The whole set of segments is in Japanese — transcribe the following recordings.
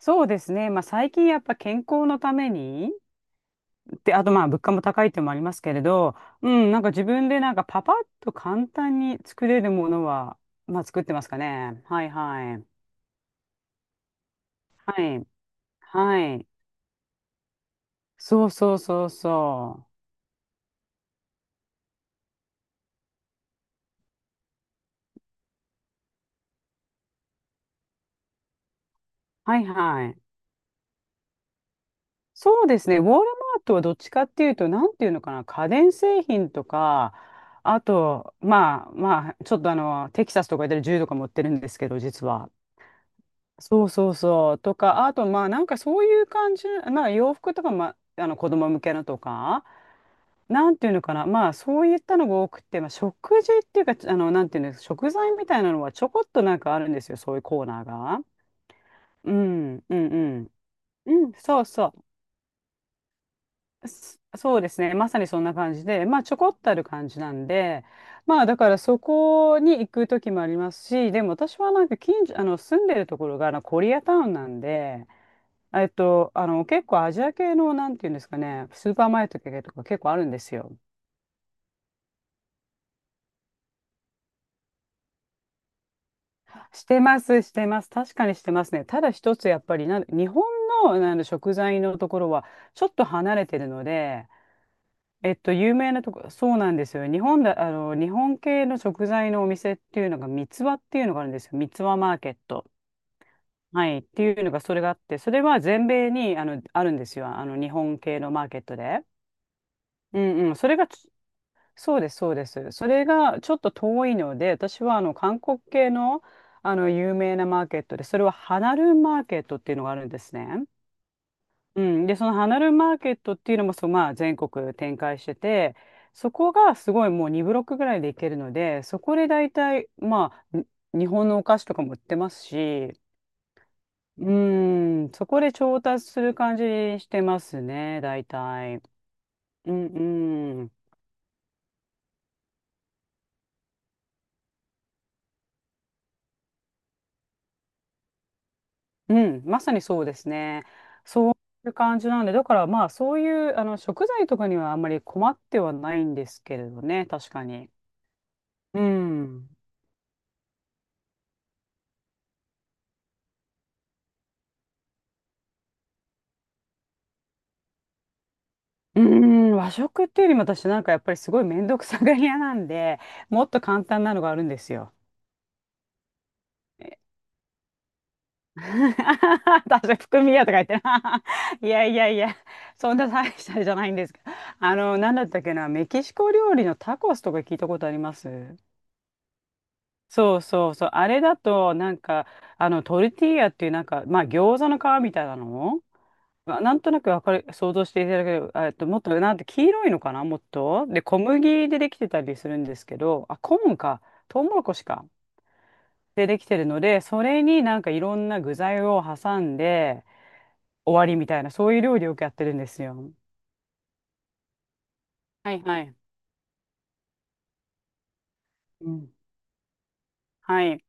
そうですね。まあ、最近やっぱ健康のために、てあとまあ物価も高いってのもありますけれど、うん、なんか自分でなんかパパッと簡単に作れるものは、まあ作ってますかね。はいはい。はい。はい。そうそうそうそう。はいはい。そうですね。ウォールマートはどっちかっていうと、なんていうのかな、家電製品とか、あと、まあまあ、ちょっとテキサスとかで銃とか持ってるんですけど、実は。そうそうそう。とか、あと、まあ、なんかそういう感じ、まあ、洋服とか、まあ、子供向けのとか、なんていうのかな、まあ、そういったのが多くて、まあ、食事っていうか、なんていうんですか、食材みたいなのはちょこっとなんかあるんですよ、そういうコーナーが。うん、うん、うん。うん、そうそう。そそうですね。まさにそんな感じで、まあ、ちょこっとある感じなんで、まあ、だからそこに行く時もありますし、でも私はなんか近所、住んでるところが、コリアタウンなんで、結構アジア系の、なんていうんですかね、スーパーマーケット系とか結構あるんですよ。してます、してます。確かにしてますね。ただ一つ、やっぱり日本の、なんだ食材のところは、ちょっと離れてるので、有名なとこ、そうなんですよ。日本系の食材のお店っていうのが、三つ葉っていうのがあるんですよ。三つ葉マーケット。はい。っていうのが、それがあって、それは全米に、あるんですよ。日本系のマーケットで。うんうん、それがそうです、そうです。それがちょっと遠いので、私は韓国系の、有名なマーケットで、それはハナルンマーケットっていうのがあるんですね。うん、で、そのハナルンマーケットっていうのもそう、まあ、全国展開してて、そこがすごいもう2ブロックぐらいで行けるので、そこで大体、まあ、に日本のお菓子とかも売ってますし、うん、そこで調達する感じにしてますね、大体。うんうん。うん、まさにそうですね。そういう感じなんで、だからまあそういう食材とかにはあんまり困ってはないんですけれどね、確かに。うん。うーん、和食っていうよりも私なんかやっぱりすごい面倒くさがり屋なんで、もっと簡単なのがあるんですよ。え 私は含みやとか言ってな。いやいやいや、そんな大したあれじゃないんですけど。なんだったっけな、メキシコ料理のタコスとか聞いたことあります？そうそうそう。あれだと、なんか、トルティーヤっていう、なんか、まあ、餃子の皮みたいなのなんとなくわかる、想像していただける、もっと、なんて、黄色いのかなもっと。で、小麦でできてたりするんですけど、あ、コーンか。トウモロコシか。でできてるので、それになんかいろんな具材を挟んで終わりみたいな、そういう料理をよくやってるんですよ。はいはい。うん。はい。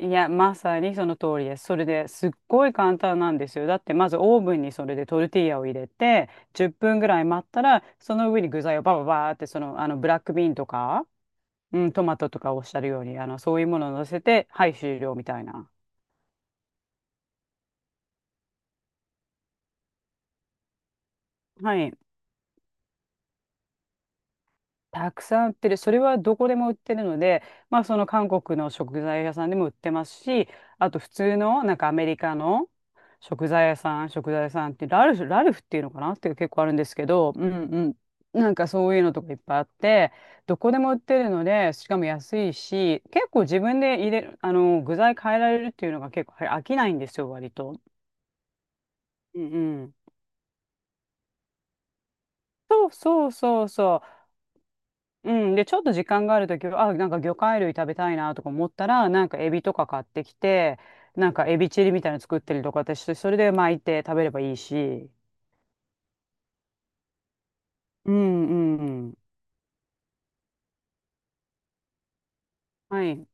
いや、まさにその通りです。それですっごい簡単なんですよ。だってまずオーブンにそれでトルティーヤを入れて10分ぐらい待ったらその上に具材をバババーってその、ブラックビーンとか、うん、トマトとかおっしゃるようにそういうものを乗せてはい終了みたいな。はい。たくさん売ってる。それはどこでも売ってるので、まあその韓国の食材屋さんでも売ってますし、あと普通のなんかアメリカの食材屋さんってラルフ、っていうのかなっていう結構あるんですけど、うんうん。なんかそういうのとかいっぱいあって、どこでも売ってるので、しかも安いし、結構自分で入れる、具材変えられるっていうのが結構飽きないんですよ、割と。うんうん。そうそうそうそう。うん、で、ちょっと時間があるときは、あ、なんか魚介類食べたいなとか思ったら、なんかエビとか買ってきて、なんかエビチリみたいなの作ったりとか私して、それで巻いて食べればいいし。うんうんうん。はい。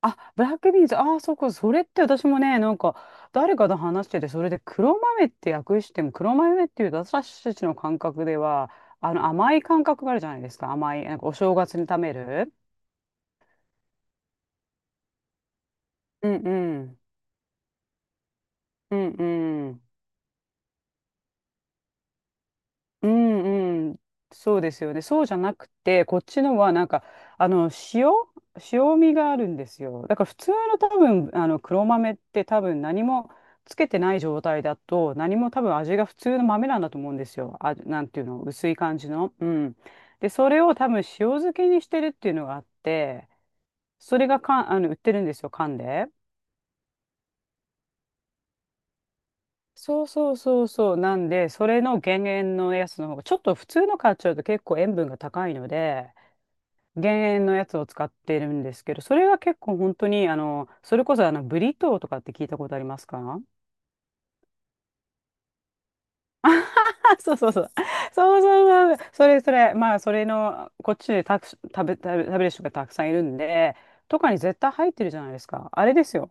あ、ブラックビーンズ、ああ、そうか、それって私もね、なんか、誰かと話してて、それで黒豆って訳しても、黒豆っていうと私たちの感覚では、甘い感覚があるじゃないですか、甘い、なんかお正月に食べる。うんうん。うんうん。うんうん、そうですよね。そうじゃなくて、こっちのはなんか、あの、塩、塩味があるんですよ。だから普通の多分、黒豆って多分何もつけてない状態だと、何も多分味が普通の豆なんだと思うんですよ。あ、なんていうの、薄い感じの。うん。で、それを多分塩漬けにしてるっていうのがあって、それがか、売ってるんですよ、缶で。そうそうそうそう。なんで、それの減塩のやつの方が、ちょっと普通の買っちゃうと結構塩分が高いので、減塩のやつを使ってるんですけど、それが結構本当に、あの、それこそあの、ブリトーとかって聞いたことありますか？あそうそうそう。そうそうそう。それそれ、まあ、それの、こっちでたく、食べ、食べ、食べる人がたくさんいるんで、とかに絶対入ってるじゃないですか。あれですよ。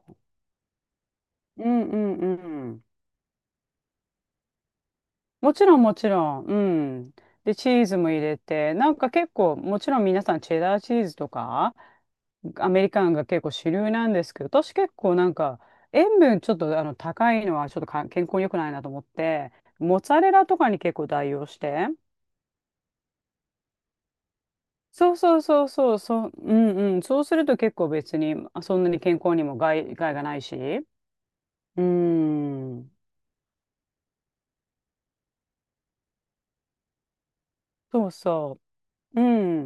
うんうんうん。もちろんもちろん。うん。で、チーズも入れて、なんか結構、もちろん皆さんチェダーチーズとか、アメリカンが結構主流なんですけど、私結構なんか塩分ちょっと高いのはちょっとか健康に良くないなと思って、モッツァレラとかに結構代用して、そうそうそうそう、そう、うんうん、そうすると結構別にまあそんなに健康にも害がないし、うん、そうそう、う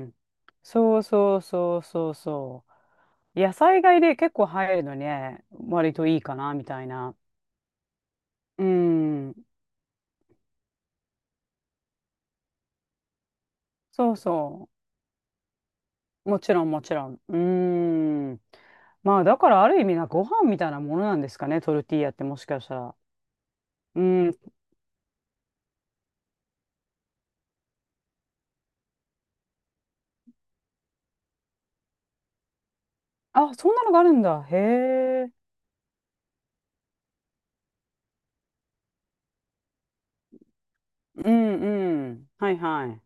ん、そうそうそうそうそう、野菜買いで結構入るのね、割といいかなみたいな、うん、そうそう。もちろん、もちろん。うーん。まあ、だからある意味な、ご飯みたいなものなんですかね、トルティーヤってもしかしたら。うん。あ、そんなのがあるんだ。へえ。うんうん。はいはい。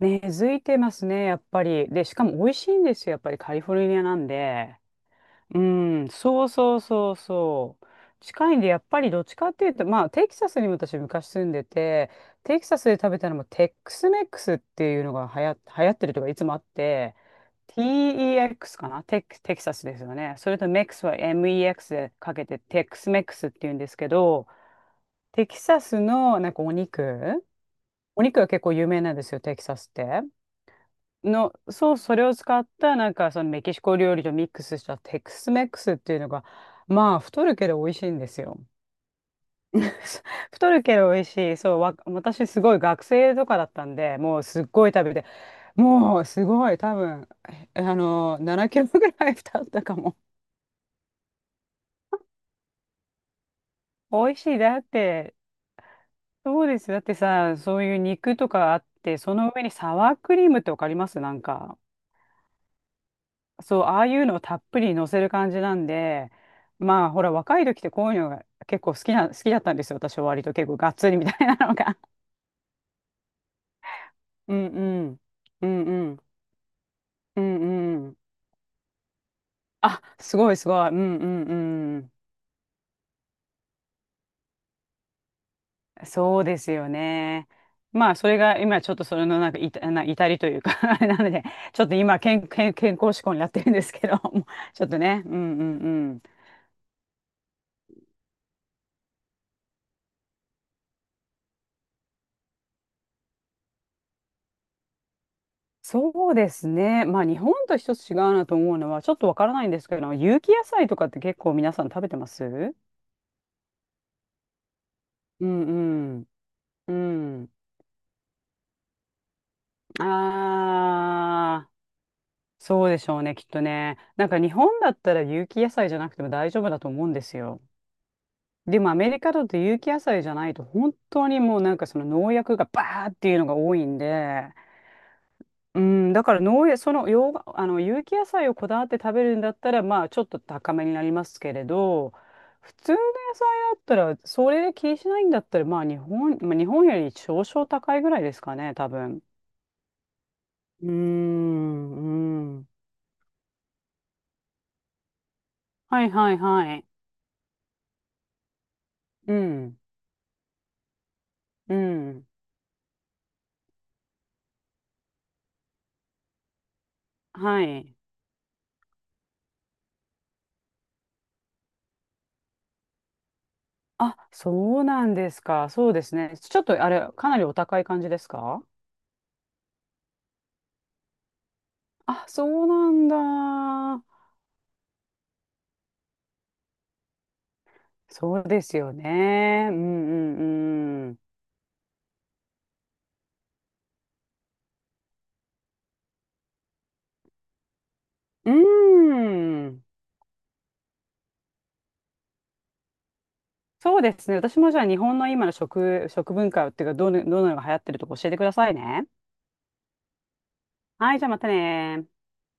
根付いてますね、やっぱり。で、しかも美味しいんですよ、やっぱりカリフォルニアなんで。うん、そうそうそうそう。近いんで、やっぱりどっちかっていうと、まあ、テキサスにも私昔住んでて、テキサスで食べたのもテックスメックスっていうのが流行ってるとかいつもあって、TEX かなテキサスですよね。それとメックスは MEX でかけてテックスメックスっていうんですけど、テキサスのなんかお肉が結構有名なんですよ、テキサスって。そう、それを使った、なんか、そのメキシコ料理とミックスしたテックスメックスっていうのが、まあ、太るけど美味しいんですよ。太るけど美味しい。そう、私すごい学生とかだったんで、もうすっごい食べて、もうすごい、多分、えあの、7キロぐらい太ったかも。美味しい。だって、そうです。だってさ、そういう肉とかあって、その上にサワークリームってわかりますなんか。そう、ああいうのをたっぷり乗せる感じなんで、まあ、ほら、若い時ってこういうのが結構好きな、好きだったんですよ。私は割と結構がっつりみたいなのが。うんうん。うんうん。うんうん。あ、すごいすごい。うんうんうん。そうですよね。まあ、それが今ちょっとそれのなんかいた、な、至りというか、 あれなので、ちょっと今健康志向になってるんですけど、もう ちょっとね。うんうんうん。そうですね。まあ日本と一つ違うなと思うのはちょっとわからないんですけど、有機野菜とかって結構皆さん食べてます？うんうん。うん。ああ、そうでしょうね、きっとね。なんか日本だったら有機野菜じゃなくても大丈夫だと思うんですよ。でもアメリカだと有機野菜じゃないと本当にもうなんかその農薬がバーっていうのが多いんで、うん、だから農園、その洋が、あの有機野菜をこだわって食べるんだったら、まあちょっと高めになりますけれど、普通の野菜だったら、それで気にしないんだったら、まあ、日本より少々高いぐらいですかね、多分。うーん、うん。はいはいはい。うん、うん。はい。あ、そうなんですか。そうですね。ちょっとあれ、かなりお高い感じですか？あ、そうなんだ。そうですよね。うんうんうん。うーん。そうですね。私もじゃあ日本の今の食文化っていうか、どのようなのが流行ってるとか教えてくださいね。はい、じゃあまたね。